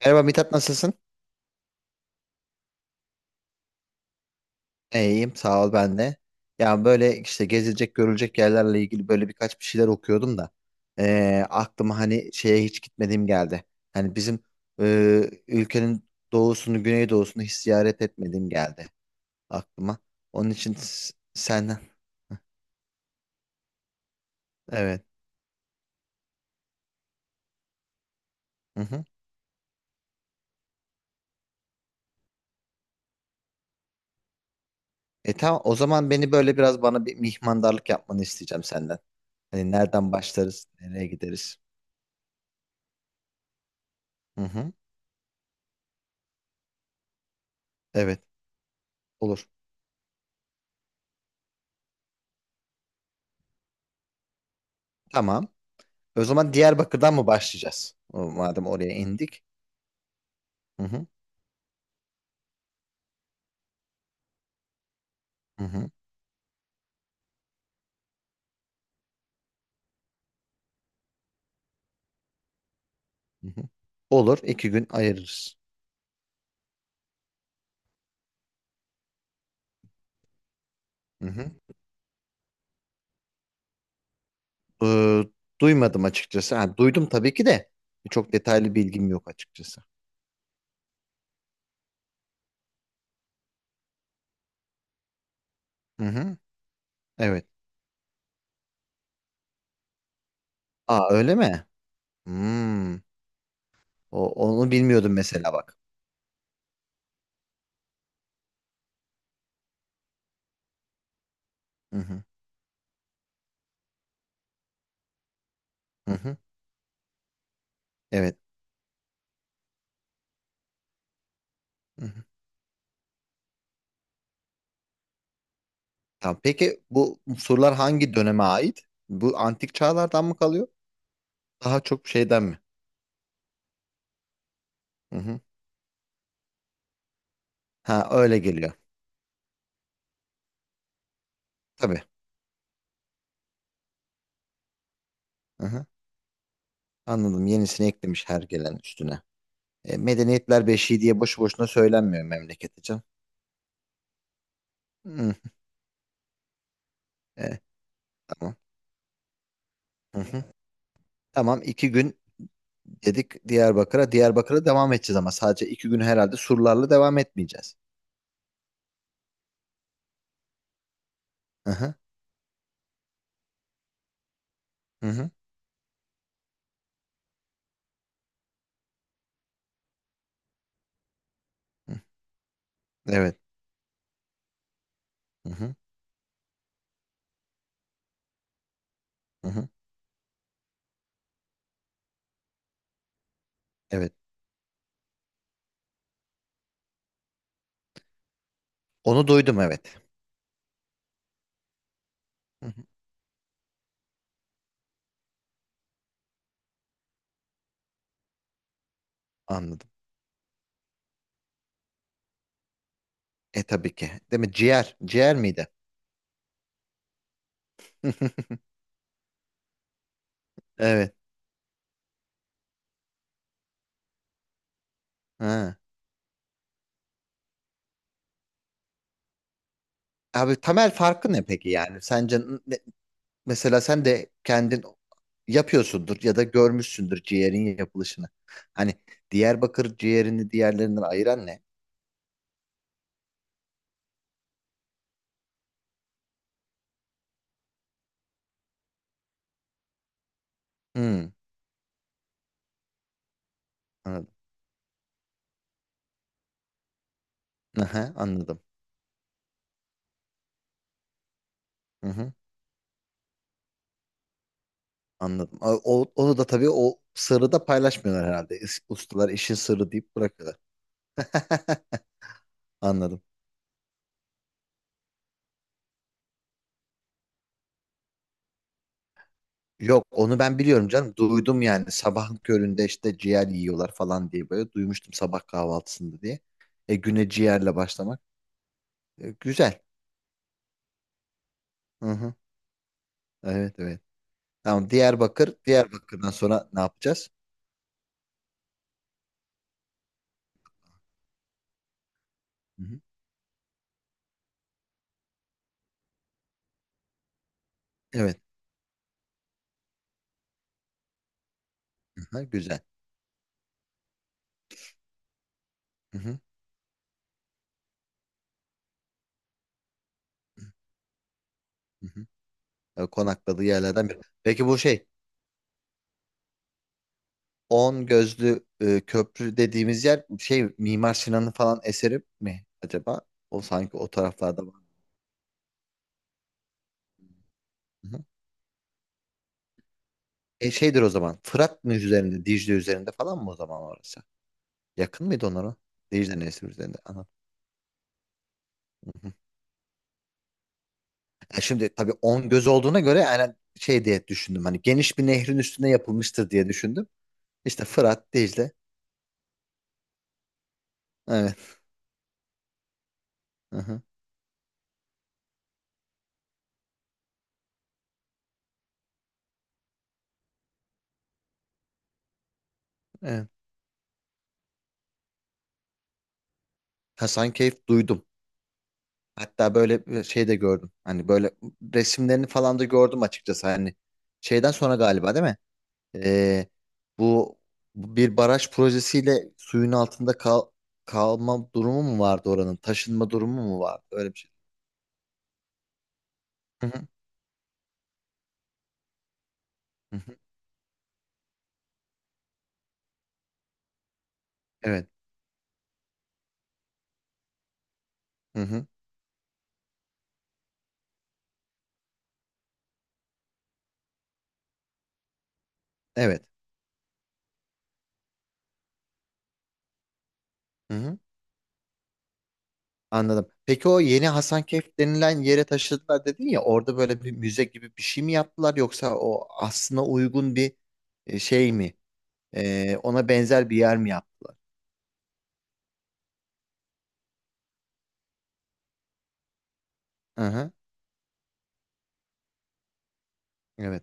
Merhaba Mithat, nasılsın? İyiyim sağ ol ben de. Ya böyle işte gezilecek görülecek yerlerle ilgili böyle birkaç bir şeyler okuyordum da aklıma hani şeye hiç gitmediğim geldi. Hani bizim ülkenin doğusunu güneydoğusunu hiç ziyaret etmediğim geldi aklıma. Onun için senden evet. Hı hı. E tamam, o zaman beni böyle biraz bana bir mihmandarlık yapmanı isteyeceğim senden. Hani nereden başlarız, nereye gideriz? Hı hı. Evet, olur. Tamam. O zaman Diyarbakır'dan mı başlayacağız? O- madem oraya indik. Hı hı, hı hı, hı hı. Olur, 2 gün ayırırız. Hı hı. Ee, duymadım açıkçası. Ha, duydum tabii ki de çok detaylı bilgim yok açıkçası. Hı hı, evet. Aa, öyle mi? Hmm. Onu bilmiyordum mesela bak. Hı hı, hı hı, evet. Hı hı. Tamam. Peki bu sorular hangi döneme ait? Bu antik çağlardan mı kalıyor? Daha çok şeyden mi? Hı hı. Ha, öyle geliyor. Tabii. Hı hı. Anladım. Yenisini eklemiş her gelen üstüne. E, medeniyetler beşiği diye boşu boşuna söylenmiyor memlekete canım. Hı, e, tamam. Hı hı. Tamam, 2 gün dedik Diyarbakır'a. Diyarbakır'a devam edeceğiz ama sadece 2 gün herhalde surlarla devam etmeyeceğiz. Hı hı. Hı hı. Hı. Evet. Hı hı. Hı hı. Evet. Onu duydum, evet. Hı hı. Anladım. E tabii ki. Değil mi? Ciğer. Ciğer miydi? Evet. Ha. Abi, temel farkı ne peki yani? Sence mesela sen de kendin yapıyorsundur ya da görmüşsündür ciğerin yapılışını. Hani Diyarbakır ciğerini diğerlerinden ayıran ne? Hmm, anladım. Aha, anladım. Hı hı, anladım. Onu da tabii o sırrı da paylaşmıyorlar herhalde. Ustalar işin sırrı deyip bırakıyorlar. Anladım. Yok, onu ben biliyorum canım. Duydum yani, sabahın köründe işte ciğer yiyorlar falan diye böyle duymuştum, sabah kahvaltısında diye. E, güne ciğerle başlamak. E, güzel. Hı hı. Evet, evet. Tamam, Diyarbakır. Diyarbakır'dan sonra ne yapacağız? Hı-hı. Evet. Hı, güzel. Hı-hı. Hı-hı. E, konakladığı yerlerden biri. Peki bu şey, On Gözlü e, Köprü dediğimiz yer şey Mimar Sinan'ın falan eseri mi acaba? O sanki o taraflarda var. Hı-hı. E, şeydir o zaman. Fırat mı üzerinde, Dicle üzerinde falan mı o zaman orası? Yakın mıydı onlara? Dicle Nehri üzerinde. Anladım. Hı-hı. E şimdi tabii On Göz olduğuna göre yani şey diye düşündüm. Hani geniş bir nehrin üstüne yapılmıştır diye düşündüm. İşte Fırat, Dicle. Evet. Aha, evet. Hasankeyf duydum. Hatta böyle bir şey de gördüm. Hani böyle resimlerini falan da gördüm açıkçası. Hani şeyden sonra galiba değil mi? Ee, bu bir baraj projesiyle suyun altında kalma durumu mu vardı oranın? Taşınma durumu mu vardı? Öyle bir şey. Hı hı, hı hı. Evet. Hı hı. Evet. Hı hı. Anladım. Peki o yeni Hasankeyf denilen yere taşıdılar dedin ya, orada böyle bir müze gibi bir şey mi yaptılar yoksa o aslına uygun bir e, şey mi? Ona benzer bir yer mi yaptılar? Hı hı. Evet.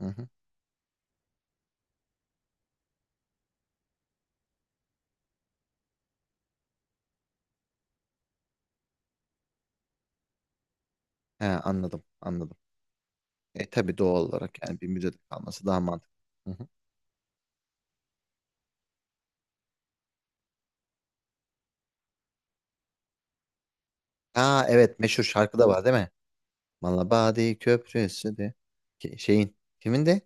Hı hı. He, anladım. Anladım. E tabii, doğal olarak yani bir müzede kalması daha mantıklı. Hı hı. Aa evet, meşhur şarkı da var değil mi? Malabadi Köprüsü de şeyin kimin de?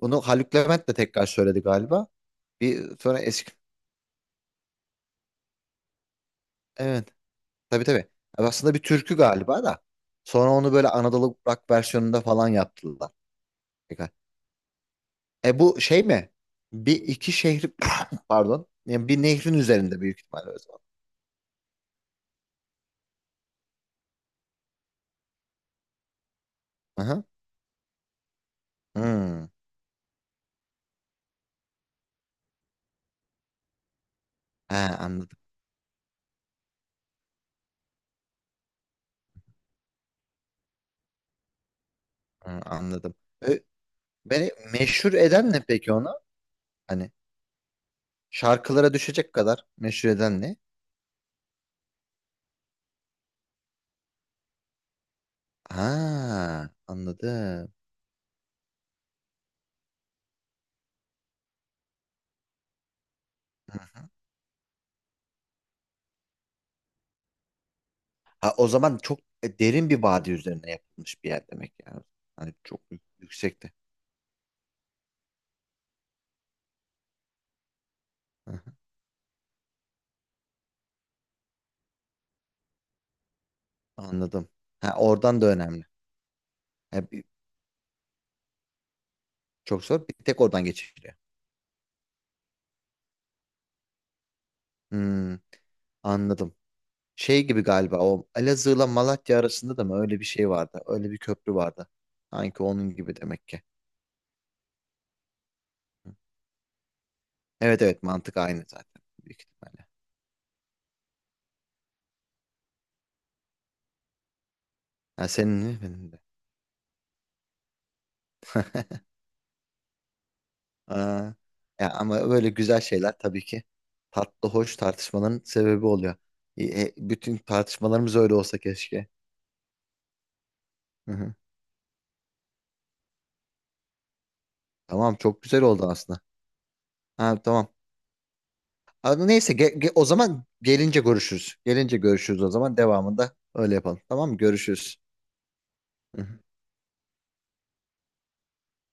Onu Haluk Levent de tekrar söyledi galiba. Bir sonra eski evet, tabii tabii. Yani aslında bir türkü galiba da. Sonra onu böyle Anadolu rock versiyonunda falan yaptılar. E, bu şey mi? Bir iki şehri pardon. Yani bir nehrin üzerinde büyük ihtimalle o zaman. Aha. Hmm. Ha, anladım. Ha, anladım. E, beni meşhur eden ne peki ona? Hani şarkılara düşecek kadar meşhur eden ne? Ha, anladım. Hı. Ha, o zaman çok e, derin bir vadi üzerine yapılmış bir yer demek yani. Hani çok yüksekte. Hı hı. Anladım. Ha, oradan da önemli. Ha, bir- Çok zor. Bir tek oradan geçiliyor. Hmm, anladım. Şey gibi galiba, o Elazığ'la Malatya arasında da mı öyle bir şey vardı? Öyle bir köprü vardı. Sanki onun gibi demek ki. Evet evet, mantık aynı zaten büyük ihtimalle. Ha, senin mi benim de. Aa, ya ama böyle güzel şeyler tabii ki tatlı hoş tartışmaların sebebi oluyor. E, e, bütün tartışmalarımız öyle olsa keşke. Hı hı. Tamam, çok güzel oldu aslında. Ha, tamam. Abi, neyse, o zaman gelince görüşürüz. Gelince görüşürüz, o zaman devamında öyle yapalım. Tamam mı? Görüşürüz. Hı hı.